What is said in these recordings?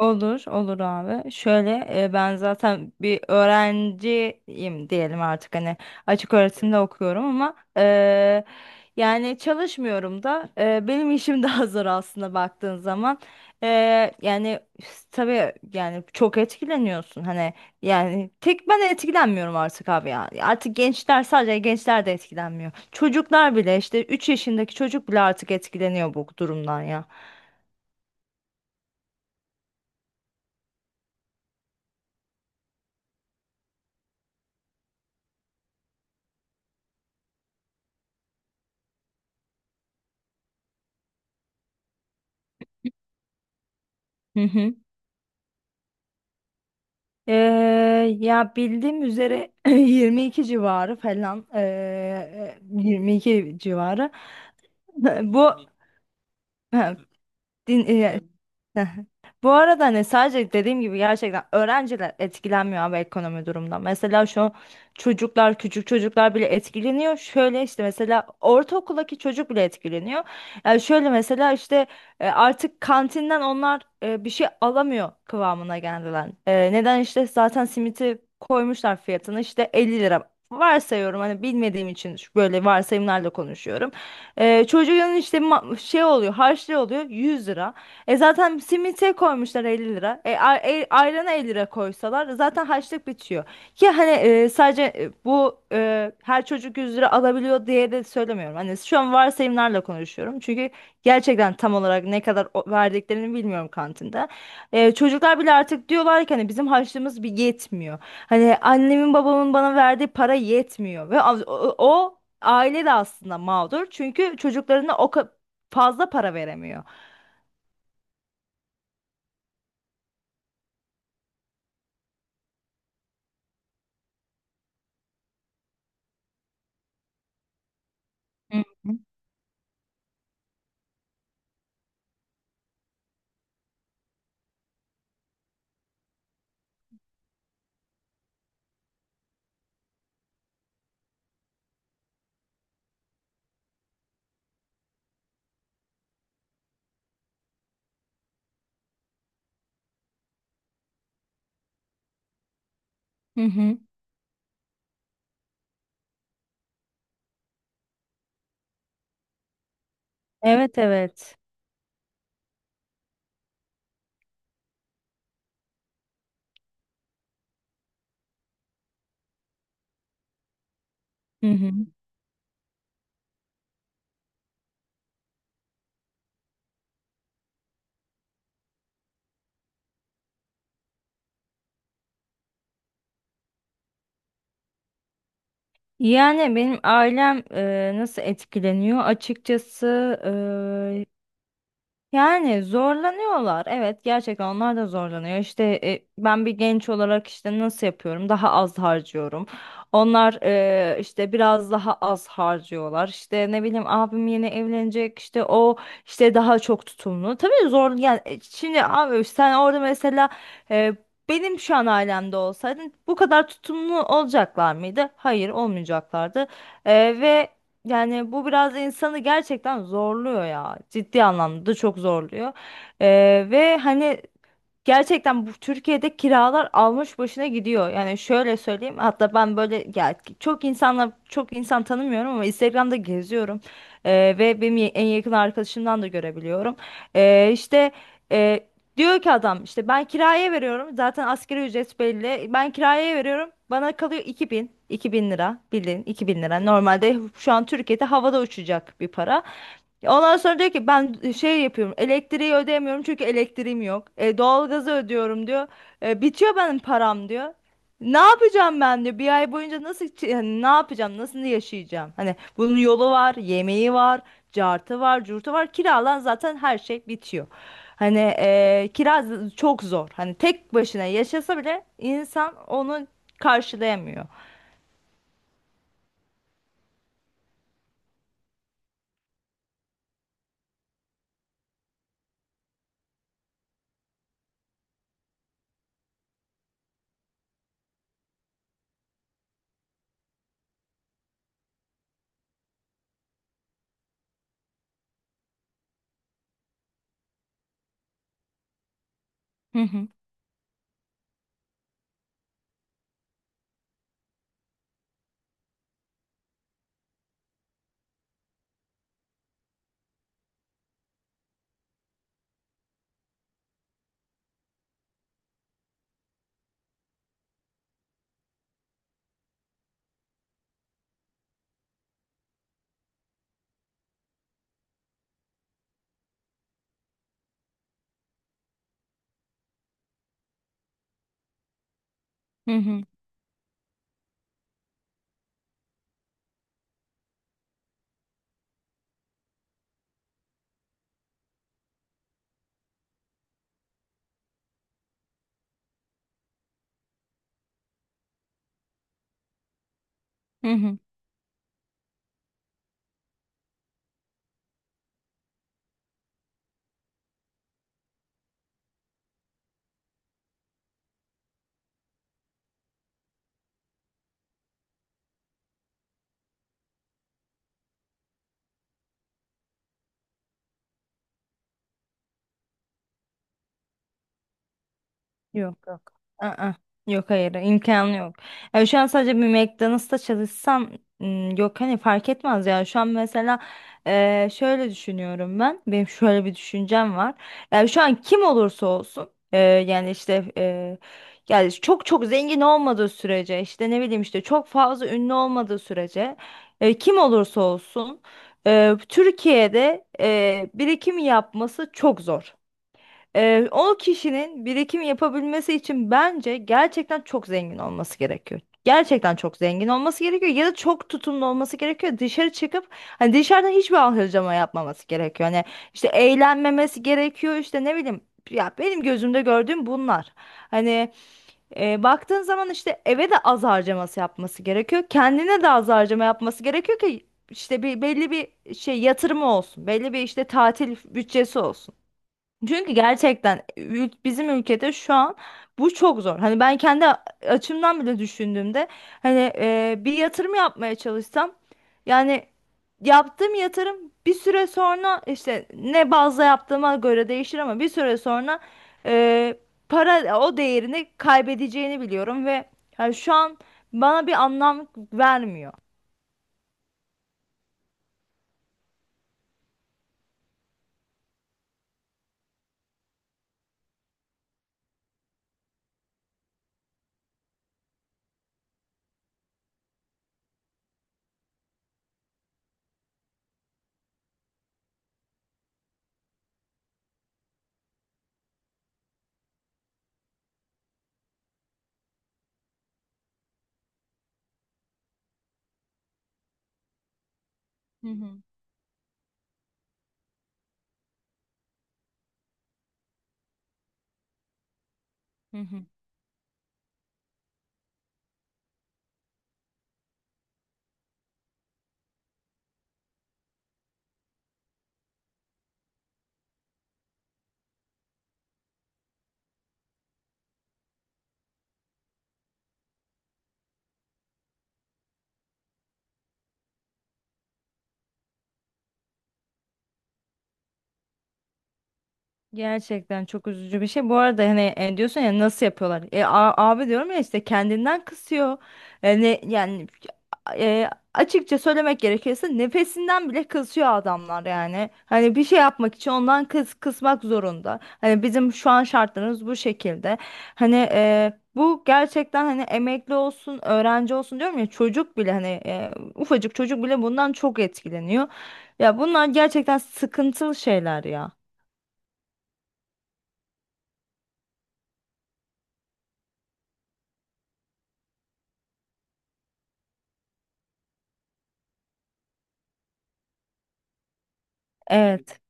Olur, olur abi. Şöyle ben zaten bir öğrenciyim diyelim artık hani açık öğretimde okuyorum ama yani çalışmıyorum da benim işim daha zor aslında baktığın zaman. E, Yani tabii yani çok etkileniyorsun hani yani tek ben etkilenmiyorum artık abi ya. Artık gençler sadece gençler de etkilenmiyor. Çocuklar bile işte 3 yaşındaki çocuk bile artık etkileniyor bu durumdan ya. Hı hı. Ee, Ya bildiğim üzere 22 civarı falan 22 civarı bu Din, e, Hı. Bu arada hani sadece dediğim gibi gerçekten öğrenciler etkilenmiyor abi ekonomi durumdan. Mesela şu çocuklar, küçük çocuklar bile etkileniyor. Şöyle işte mesela ortaokuldaki çocuk bile etkileniyor. Yani şöyle mesela işte artık kantinden onlar bir şey alamıyor kıvamına geldiler. Neden işte zaten simiti koymuşlar fiyatını işte 50 lira. Varsayıyorum hani bilmediğim için böyle varsayımlarla konuşuyorum. Çocuğun işte şey oluyor harçlığı oluyor 100 lira. Zaten simite koymuşlar 50 lira. Ayrana 50 lira koysalar zaten harçlık bitiyor. Ki hani sadece bu her çocuk 100 lira alabiliyor diye de söylemiyorum. Hani şu an varsayımlarla konuşuyorum. Çünkü gerçekten tam olarak ne kadar verdiklerini bilmiyorum kantinde. Çocuklar bile artık diyorlar ki hani bizim harçlığımız bir yetmiyor. Hani annemin babamın bana verdiği para yetmiyor ve o aile de aslında mağdur. Çünkü çocuklarına fazla para veremiyor. Hı hı. Hı hı. Evet, evet. Hı hı. Yani benim ailem nasıl etkileniyor? Açıkçası. Yani zorlanıyorlar. Evet, gerçekten onlar da zorlanıyor. İşte ben bir genç olarak işte nasıl yapıyorum? Daha az harcıyorum. Onlar işte biraz daha az harcıyorlar. İşte ne bileyim abim yeni evlenecek. İşte o işte daha çok tutumlu. Tabii zor yani şimdi abi sen orada mesela e, benim şu an ailemde olsaydın bu kadar tutumlu olacaklar mıydı? Hayır, olmayacaklardı. E, Ve yani bu biraz insanı gerçekten zorluyor ya. Ciddi anlamda da çok zorluyor. Ve hani gerçekten bu Türkiye'de kiralar almış başına gidiyor. Yani şöyle söyleyeyim, hatta ben böyle ya çok insan tanımıyorum ama Instagram'da geziyorum. Ve benim en yakın arkadaşımdan da görebiliyorum. İşte e, diyor ki adam, işte ben kiraya veriyorum zaten asgari ücret belli. Ben kiraya veriyorum, bana kalıyor 2000 bin lira, bildiğin iki bin lira. Normalde şu an Türkiye'de havada uçacak bir para. Ondan sonra diyor ki ben şey yapıyorum, elektriği ödeyemiyorum çünkü elektriğim yok. Doğalgazı ödüyorum diyor. Bitiyor benim param diyor. Ne yapacağım ben diyor. Bir ay boyunca nasıl hani ne yapacağım, nasıl yaşayacağım. Hani bunun yolu var, yemeği var, cartı var, curtu var, kiralan, zaten her şey bitiyor. Hani kira çok zor. Hani tek başına yaşasa bile insan onu karşılayamıyor. Hı hı. Hı hı. Hı hı. Yok, yok. Aa, yok, hayır, imkanı yok. Yani şu an sadece bir McDonald's'ta çalışsam, m, yok, hani fark etmez ya. Şu an mesela şöyle düşünüyorum ben. Benim şöyle bir düşüncem var. Yani şu an kim olursa olsun yani işte yani çok çok zengin olmadığı sürece, işte ne bileyim, işte çok fazla ünlü olmadığı sürece kim olursa olsun Türkiye'de birikim yapması çok zor. O kişinin birikim yapabilmesi için bence gerçekten çok zengin olması gerekiyor. Gerçekten çok zengin olması gerekiyor, ya da çok tutumlu olması gerekiyor. Dışarı çıkıp hani dışarıdan hiçbir harcama yapmaması gerekiyor. Hani işte eğlenmemesi gerekiyor, işte ne bileyim, ya benim gözümde gördüğüm bunlar. Hani baktığın zaman işte eve de az harcaması yapması gerekiyor. Kendine de az harcama yapması gerekiyor ki işte bir belli bir şey yatırımı olsun. Belli bir işte tatil bütçesi olsun. Çünkü gerçekten bizim ülkede şu an bu çok zor. Hani ben kendi açımdan bile düşündüğümde hani bir yatırım yapmaya çalışsam, yani yaptığım yatırım bir süre sonra, işte ne bazda yaptığıma göre değişir, ama bir süre sonra e, para o değerini kaybedeceğini biliyorum ve yani şu an bana bir anlam vermiyor. Hı hı. Hı hı. Gerçekten çok üzücü bir şey. Bu arada hani diyorsun ya nasıl yapıyorlar? Abi diyorum ya işte kendinden kısıyor. Yani açıkça söylemek gerekirse nefesinden bile kısıyor adamlar yani. Hani bir şey yapmak için ondan kısmak zorunda. Hani bizim şu an şartlarımız bu şekilde. Hani bu gerçekten, hani emekli olsun, öğrenci olsun, diyorum ya çocuk bile, hani ufacık çocuk bile bundan çok etkileniyor. Ya bunlar gerçekten sıkıntılı şeyler ya. Evet,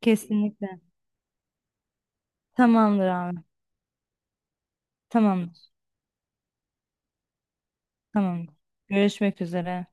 kesinlikle. Tamamdır abi. Tamamdır. Tamamdır. Görüşmek üzere.